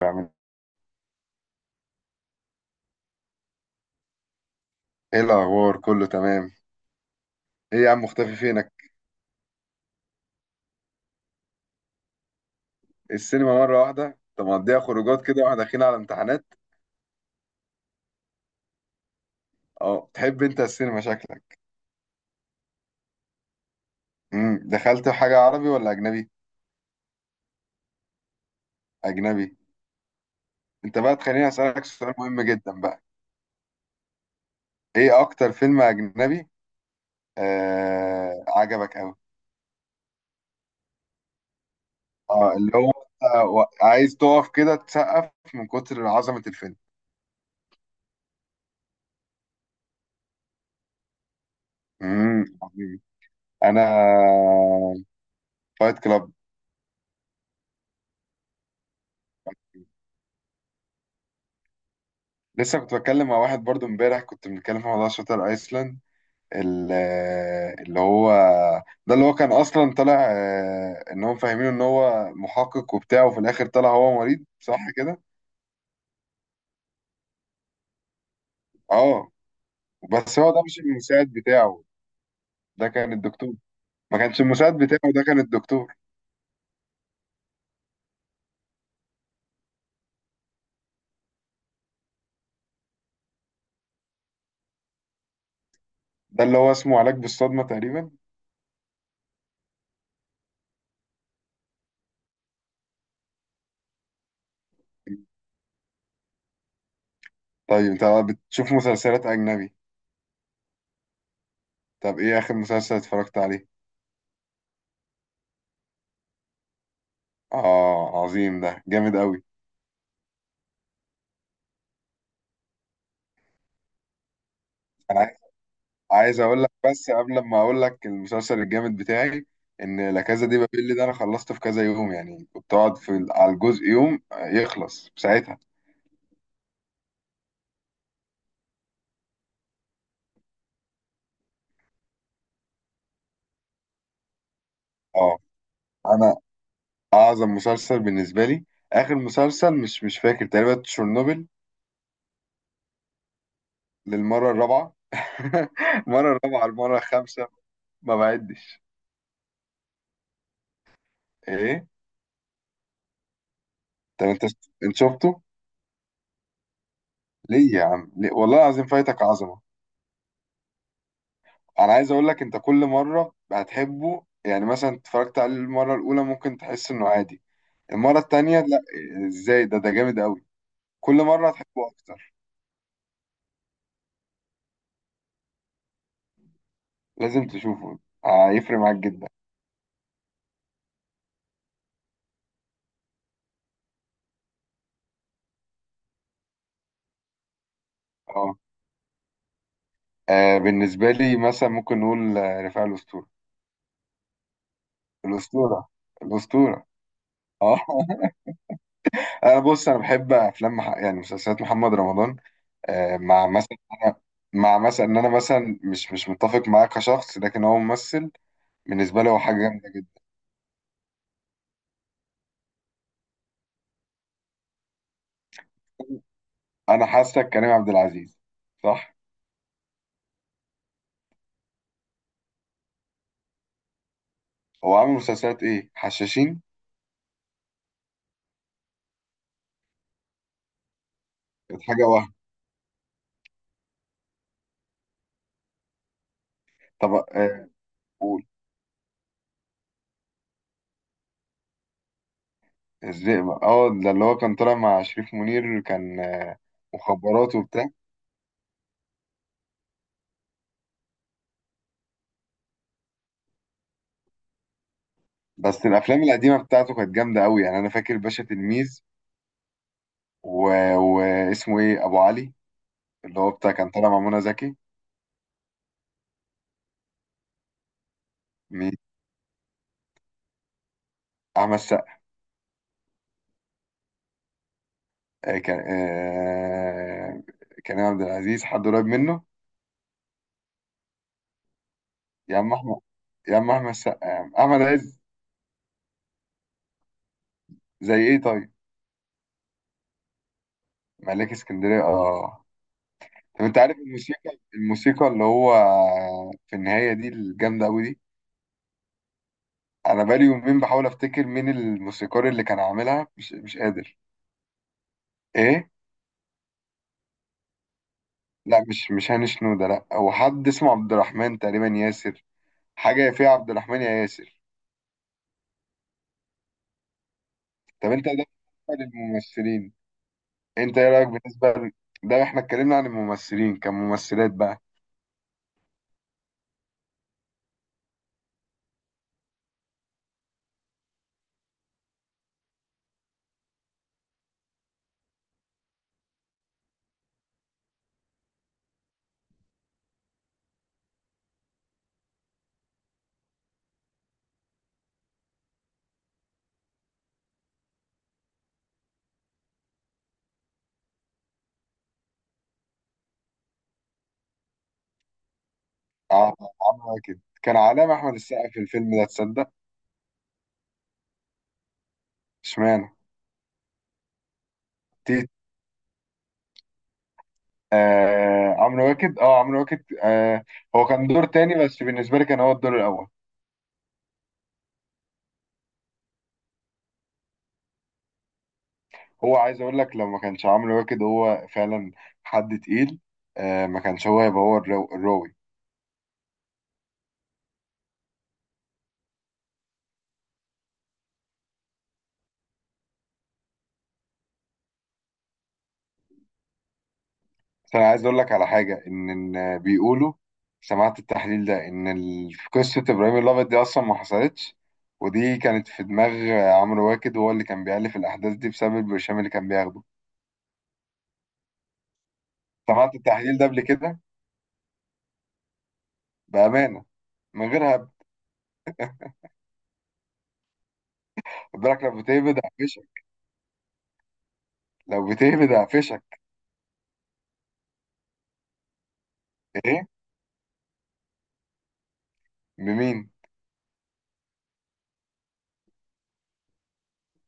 بعمل ايه؟ الاخبار كله تمام. ايه يا عم، مختفي فينك؟ السينما مره واحده؟ طب مقضيها خروجات كده واحنا داخلين على امتحانات. اه، تحب انت السينما شكلك. دخلت حاجه عربي ولا اجنبي؟ اجنبي. انت بقى تخليني اسالك سؤال مهم جدا بقى. ايه اكتر فيلم اجنبي عجبك قوي؟ اه، اللي هو أنت عايز تقف كده تسقف من كتر عظمه الفيلم. عظيم. انا فايت كلاب. لسه كنت بتكلم مع واحد برضو امبارح، كنت بنتكلم في موضوع شاتر ايسلاند. ال- اللي هو، ده اللي هو كان اصلا طالع ان هم فاهمينه ان هو محقق وبتاع، وفي الاخر طلع هو مريض، صح كده؟ اه، بس هو ده مش المساعد بتاعه، ده كان الدكتور. ما كانش المساعد بتاعه، ده كان الدكتور. ده اللي هو اسمه علاج بالصدمة تقريبا. طيب انت بتشوف مسلسلات اجنبي؟ طب ايه اخر مسلسل اتفرجت عليه؟ اه عظيم، ده جامد قوي. عايز اقول لك، بس قبل ما اقول لك المسلسل الجامد بتاعي، ان لا كازا دي بابيل ده انا خلصته في كذا يوم، يعني كنت اقعد في على الجزء يوم يخلص في ساعتها. اه، انا اعظم مسلسل بالنسبه لي، اخر مسلسل، مش فاكر، تقريبا تشيرنوبل، للمره الرابعه. المره الرابعه، المره الخامسه. ما بعدش. ايه. طب انت، انت شفته؟ ليه يا عم ليه؟ والله العظيم فايتك عظمه. انا عايز اقول لك، انت كل مره هتحبه، يعني مثلا اتفرجت عليه المره الاولى ممكن تحس انه عادي، المره التانية لا، ازاي؟ ده جامد قوي. كل مره هتحبه اكتر. لازم تشوفه. هيفرق معاك جدا. اه، بالنسبه لي مثلا ممكن نقول، رفاعي، الاسطوره، الاسطوره، الاسطوره. اه. انا بص، انا بحب افلام يعني مسلسلات محمد رمضان، مع مثلا، أنا... مع مثلا ان انا مثلا مش متفق معاه كشخص، لكن هو ممثل بالنسبه لي، هو حاجه جامده جدا. انا حاسك كريم عبد العزيز، صح؟ هو عامل مسلسلات ايه؟ حشاشين. كانت حاجه وهم. طب قول. الزئبق، اه، ده اللي هو كان طالع مع شريف منير، كان مخابرات وبتاع. بس الافلام القديمه بتاعته كانت جامده قوي، يعني انا فاكر باشا تلميذ، و... واسمه ايه، ابو علي، اللي هو بتاع كان طالع مع منى زكي. مين؟ احمد سقا. آه كان آه كريم عبد العزيز حد قريب منه. يا عم احمد، يا عم احمد سقا، يا عم احمد عز. زي ايه طيب؟ ملاك اسكندرية، اه. طب انت عارف الموسيقى، الموسيقى اللي هو في النهاية دي، الجامدة أوي دي، أنا بقالي يومين بحاول أفتكر مين الموسيقار اللي كان عاملها، مش قادر. إيه؟ لا، مش هاني شنودة، لا، هو حد اسمه عبد الرحمن تقريبا، ياسر، حاجة يا فيها عبد الرحمن يا ياسر. طب انت ده، بالنسبة للممثلين، انت ايه رأيك بالنسبة ده احنا اتكلمنا عن الممثلين، كممثلات بقى. اه، عاملة كده كان علامة أحمد السقا في الفيلم ده، تصدق؟ اشمعنى؟ آه عمرو واكد، اه عمرو واكد آه. هو كان دور تاني، بس بالنسبه لي كان هو الدور الاول. هو عايز اقول لك، لو ما كانش عمرو واكد هو فعلا حد تقيل، آه ما كانش هو هيبقى هو الراوي. بس انا عايز اقول لك على حاجه، ان، إن بيقولوا، سمعت التحليل ده، ان في قصه ابراهيم الابيض دي اصلا ما حصلتش، ودي كانت في دماغ عمرو واكد، وهو اللي كان بيألف الاحداث دي بسبب البرشام اللي كان بياخده. سمعت التحليل ده قبل كده؟ بامانه، من غير هبد. خد بالك لما تهبد. لو بتهبد هقفشك. ايه. بمين؟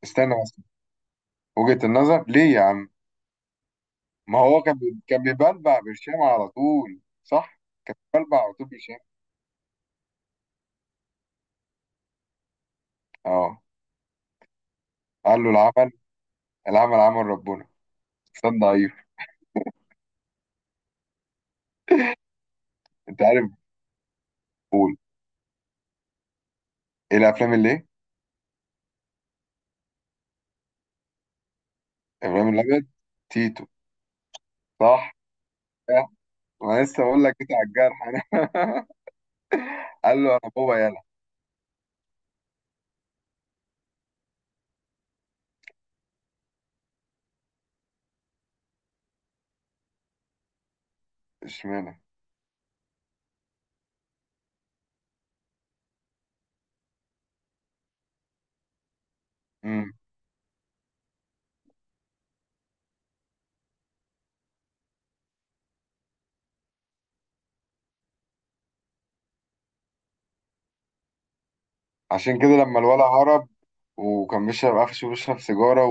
استنى بس، وجهة النظر ليه يا عم؟ ما هو كان كان بيبلبع برشام على طول، صح، كان بيبلبع على طول برشام. اه، قال له العمل، العمل عمل ربنا. استنى. ضعيف. انت عارف. ايه الافلام اللي ايه؟ ابراهيم الابيض، تيتو، صح، آه، ما لسه بقول لك كده على الجرح انا. قال له انا بابا يالا. اشمعنى؟ امم عشان كده لما الولد هرب وكان بيشرب، قفشه بيشرب سيجاره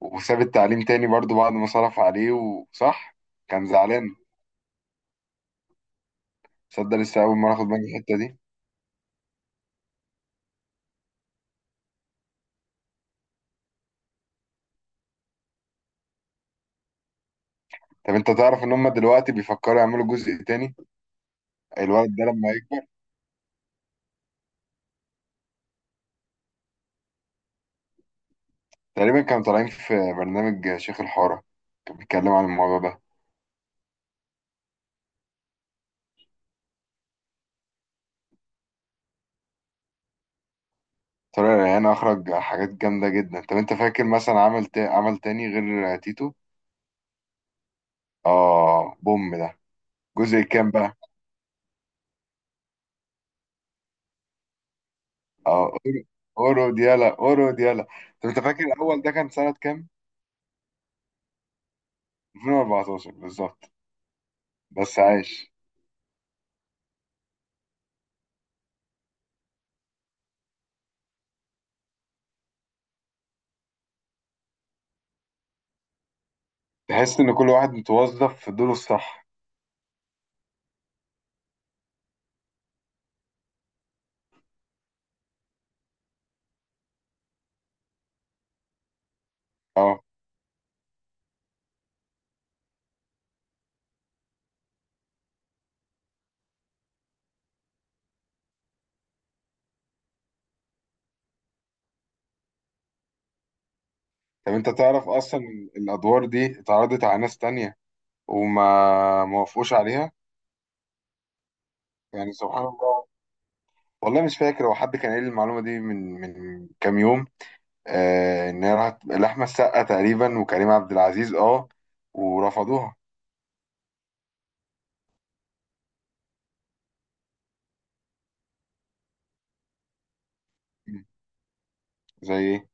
وساب التعليم تاني برضو بعد ما صرف عليه، وصح كان زعلان. صدق، لسه أول مرة أخد بالي من الحتة دي. طب أنت تعرف إن هما دلوقتي بيفكروا يعملوا جزء تاني؟ الولد ده لما يكبر. تقريبا كانوا طالعين في برنامج شيخ الحارة، كان بيتكلم عن الموضوع ده. طارق ريان أخرج حاجات جامدة جدا. طب أنت فاكر مثلا عمل عمل تاني غير تيتو؟ آه بوم ده. جزء كام بقى؟ آه أورو، أورو ديالا، أورو ديالا. طب أنت فاكر الأول ده كان سنة كام؟ 2014 بالظبط. بس عايش. تحس ان كل واحد متوظف في دوره الصح. اه. طب انت تعرف اصلا إن الادوار دي اتعرضت على ناس تانية وما ما وافقوش عليها؟ يعني سبحان الله. والله مش فاكر، هو حد كان قايل لي المعلومه دي من كام يوم، آه ان هي راحت لاحمد السقا تقريبا وكريم عبد العزيز، اه، ورفضوها. مم. زي ايه؟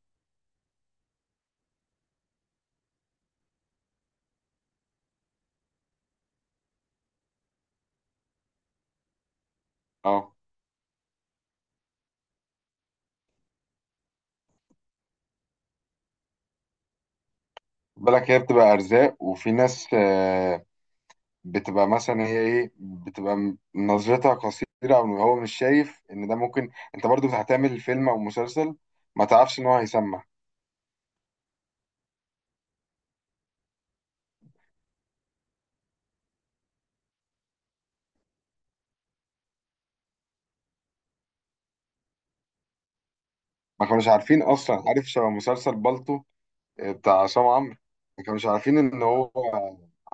اه بالك، هي بتبقى ارزاق، وفي ناس آه بتبقى مثلا، هي ايه، بتبقى نظرتها قصيرة، او هو مش شايف ان ده ممكن انت برضو هتعمل فيلم او مسلسل ما تعرفش ان هو هيسمع. ما كانوش عارفين اصلا. عارف شبه مسلسل بالطو، بتاع عصام عمرو؟ ما كانوش عارفين ان هو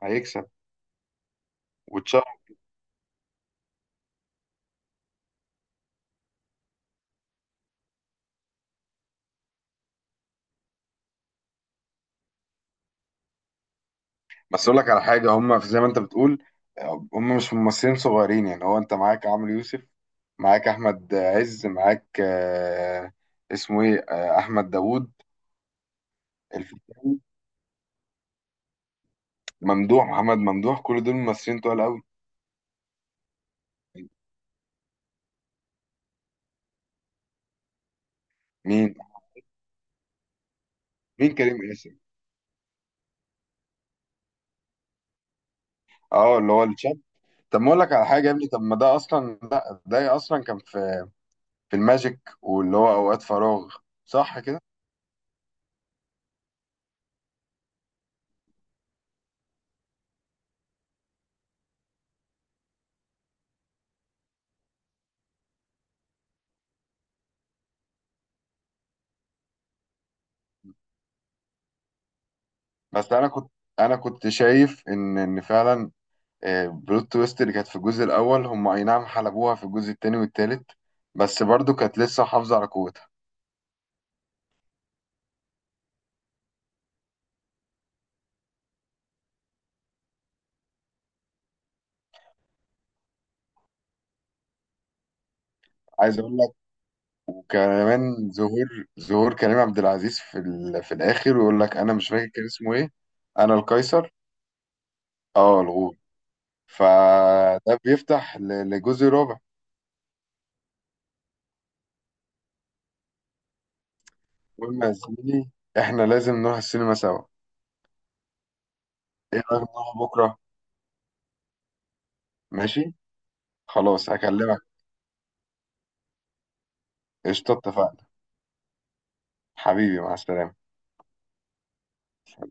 هيكسب واتشهر. بس اقول لك على حاجة، هم في زي ما انت بتقول، هم مش ممثلين صغيرين، يعني هو انت معاك عمرو يوسف، معاك احمد عز، معاك اسمه ايه، احمد داوود، الفيشاوي، ممدوح محمد، ممدوح. كل دول ممثلين تقال قوي. مين؟ مين كريم قاسم؟ اه، اللي هو الشاب. طب ما اقول لك على حاجه يا ابني، طب ما ده اصلا، ده اصلا كان في، في الماجيك، واللي هو اوقات فراغ، صح كده. بس انا كنت، انا كنت شايف ان فعلا، بلوت تويست اللي كانت في الجزء الاول، هم اي نعم حلبوها في الجزء التاني والتالت، بس برضو كانت لسه حافظه على قوتها. عايز اقول لك، وكمان ظهور، ظهور كريم عبد العزيز في في الاخر، ويقول لك انا مش فاكر كان اسمه ايه، انا القيصر، اه، الغول. فده بيفتح لجزء رابع. قلنا يا زميلي احنا لازم نروح السينما سوا. ايه رأيك نروح بكرة؟ ماشي. خلاص هكلمك. قشطة، اتفقنا. حبيبي، مع السلامة.